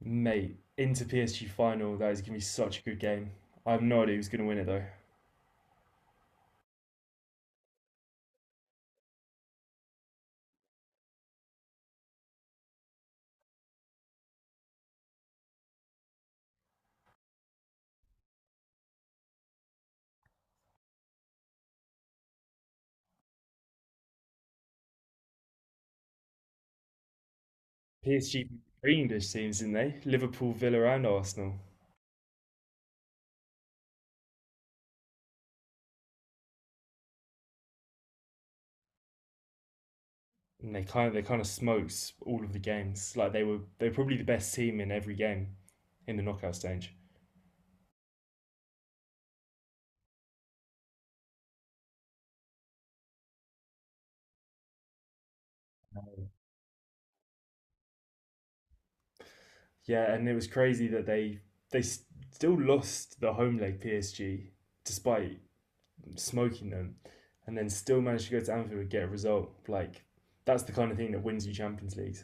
Mate, Inter PSG final, that is going to be such a good game. I have no idea who's going to win it though. PSG three English teams, didn't they? Liverpool, Villa, and Arsenal. And they kind of smokes all of the games. Like they were probably the best team in every game in the knockout stage. Yeah, and it was crazy that they still lost the home leg PSG despite smoking them, and then still managed to go to Anfield and get a result. Like that's the kind of thing that wins you Champions League.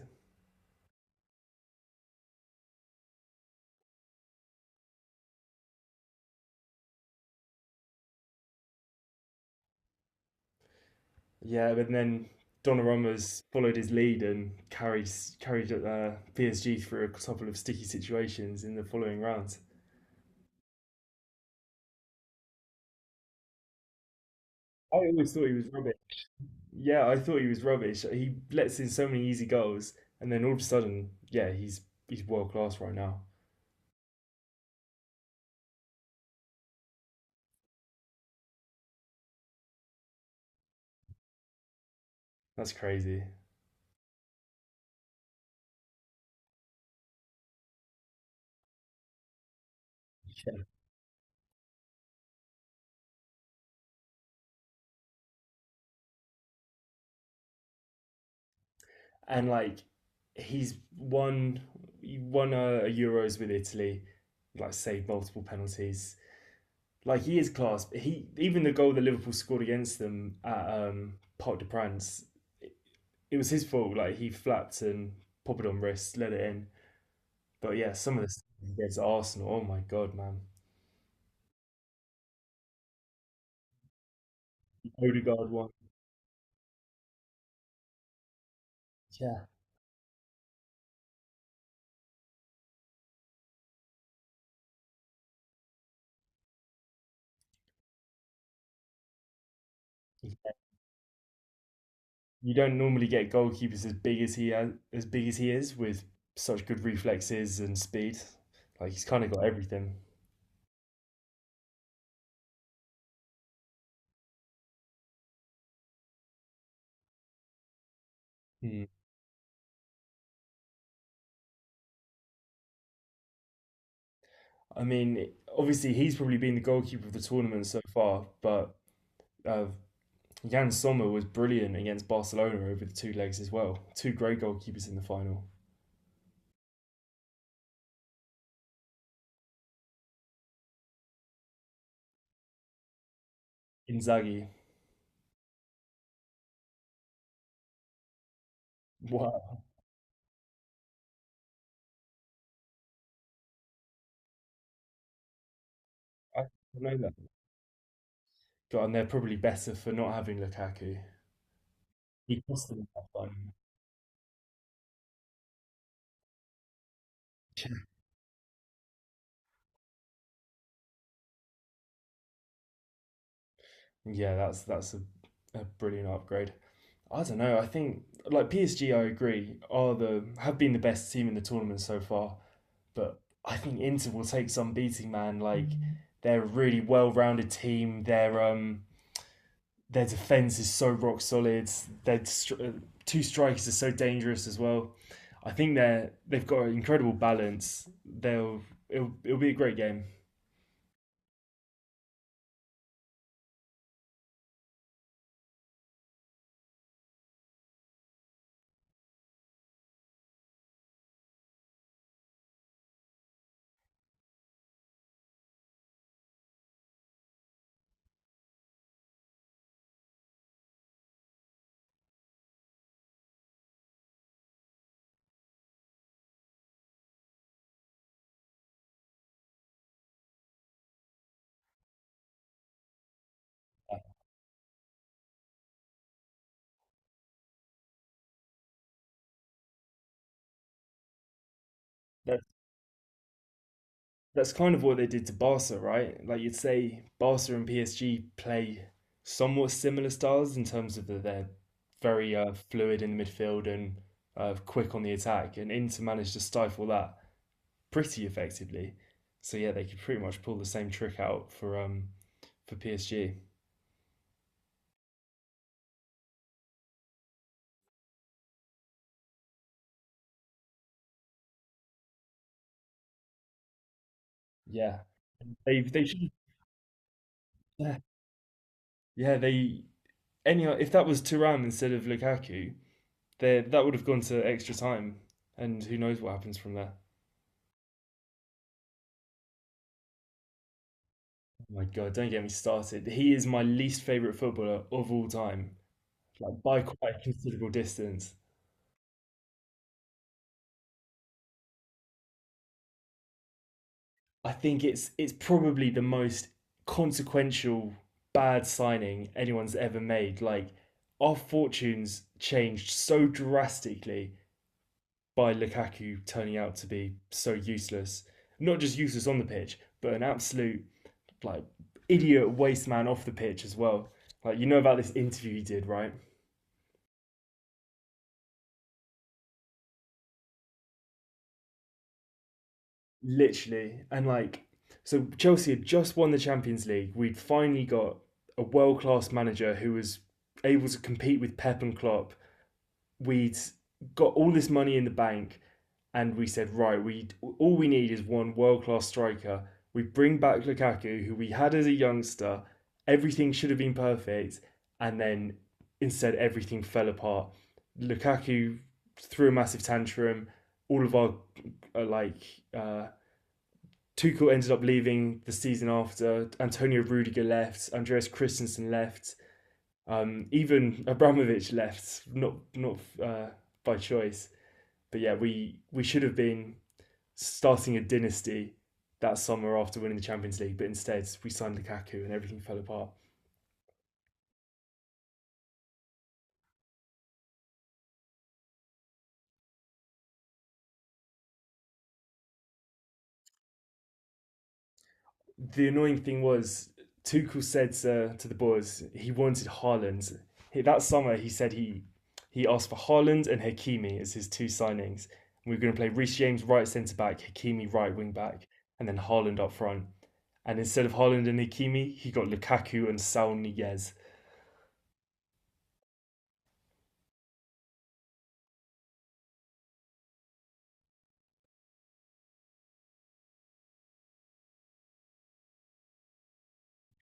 Yeah, but then Donnarumma's followed his lead and carried PSG through a couple of sticky situations in the following rounds. I always thought he was rubbish. Yeah, I thought he was rubbish. He lets in so many easy goals, and then all of a sudden, yeah, he's world class right now. That's crazy. And like, he's won he won a Euros with Italy, like saved multiple penalties, like he is class. He even the goal that Liverpool scored against them at Parc de Prance, it, it was his fault. Like he flapped and popped it on wrist, let it in. But yeah, some of this against Arsenal. Oh my god, man! Odegaard one. Yeah, you don't normally get goalkeepers as big as he has, as big as he is with such good reflexes and speed. Like he's kind of got everything. Hmm. I mean, obviously he's probably been the goalkeeper of the tournament so far, but uh, Jan Sommer was brilliant against Barcelona over the two legs as well. Two great goalkeepers in the final. Inzaghi, wow, I didn't know that. God, and they're probably better for not having Lukaku. He cost them that one. Yeah, that's a brilliant upgrade. I don't know. I think like PSG, I agree, are the have been the best team in the tournament so far. But I think Inter will take some beating, man. Like they're a really well-rounded team. They're their defense is so rock solid. Their two strikers are so dangerous as well. I think they've got an incredible balance. They'll It'll be a great game. That, that's kind of what they did to Barca, right? Like you'd say, Barca and PSG play somewhat similar styles in terms of they're very fluid in the midfield and quick on the attack, and Inter managed to stifle that pretty effectively. So yeah, they could pretty much pull the same trick out for PSG. Yeah, they should. Yeah, yeah. They anyhow. If that was Thuram instead of Lukaku, there that would have gone to extra time, and who knows what happens from there. Oh my God, don't get me started. He is my least favorite footballer of all time, like by quite a considerable distance. I think it's probably the most consequential bad signing anyone's ever made. Like our fortunes changed so drastically by Lukaku turning out to be so useless. Not just useless on the pitch, but an absolute like idiot waste man off the pitch as well. Like you know about this interview he did, right? Literally, and like so Chelsea had just won the Champions League. We'd finally got a world class manager who was able to compete with Pep and Klopp, we'd got all this money in the bank and we said, right, we all we need is one world class striker. We bring back Lukaku, who we had as a youngster. Everything should have been perfect, and then instead everything fell apart. Lukaku threw a massive tantrum. All of our like uh, Tuchel ended up leaving the season after. Antonio Rudiger left. Andreas Christensen left. Even Abramovich left, not uh, by choice. But yeah, we should have been starting a dynasty that summer after winning the Champions League, but instead we signed Lukaku and everything fell apart. The annoying thing was Tuchel said to the boys he wanted Haaland. That summer he said he asked for Haaland and Hakimi as his two signings. We were going to play Reece James right centre back, Hakimi right wing back, and then Haaland up front. And instead of Holland and Hakimi, he got Lukaku and Saul Niguez.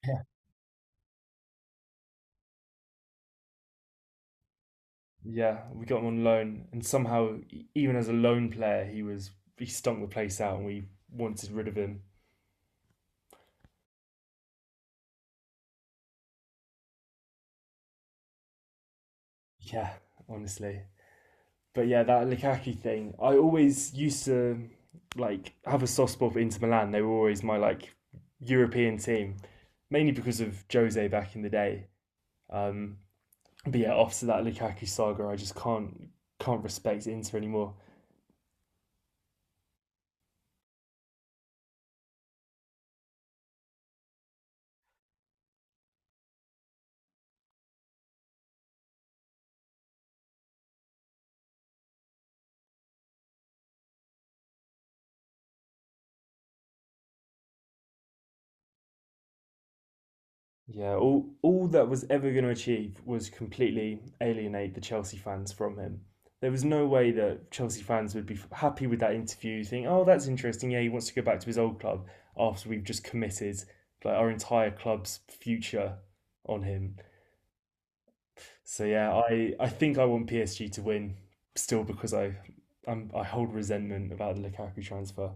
Yeah. Yeah, we got him on loan, and somehow, even as a loan player, he stunk the place out, and we wanted rid of him. Yeah, honestly. But yeah, that Lukaku thing, I always used to like have a soft spot for Inter Milan. They were always my like European team, mainly because of Jose back in the day. Um, but yeah, after that Lukaku saga, I just can't respect Inter anymore. Yeah, all that was ever going to achieve was completely alienate the Chelsea fans from him. There was no way that Chelsea fans would be happy with that interview, think, "Oh, that's interesting. Yeah, he wants to go back to his old club after we've just committed like our entire club's future on him." So yeah, I think I want PSG to win still because I hold resentment about the Lukaku transfer.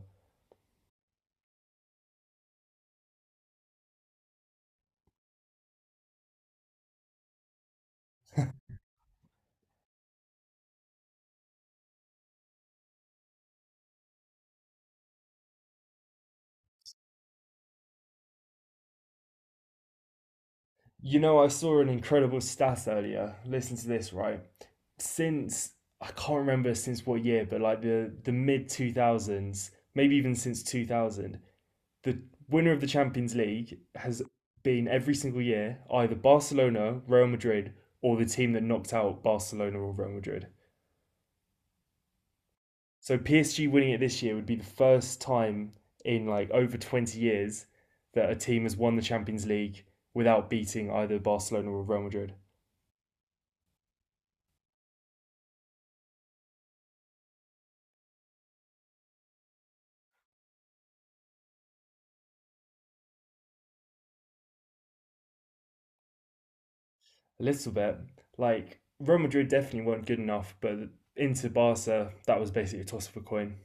You know, I saw an incredible stat earlier. Listen to this, right? Since I can't remember since what year, but like the mid two thousands, maybe even since 2000, the winner of the Champions League has been every single year either Barcelona, Real Madrid, or the team that knocked out Barcelona or Real Madrid. So PSG winning it this year would be the first time in like over 20 years that a team has won the Champions League without beating either Barcelona or Real Madrid. A little bit. Like Real Madrid definitely weren't good enough, but into Barca, that was basically a toss of a coin.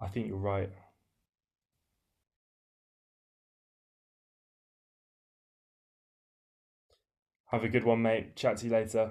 I think you're right. Have a good one, mate. Chat to you later.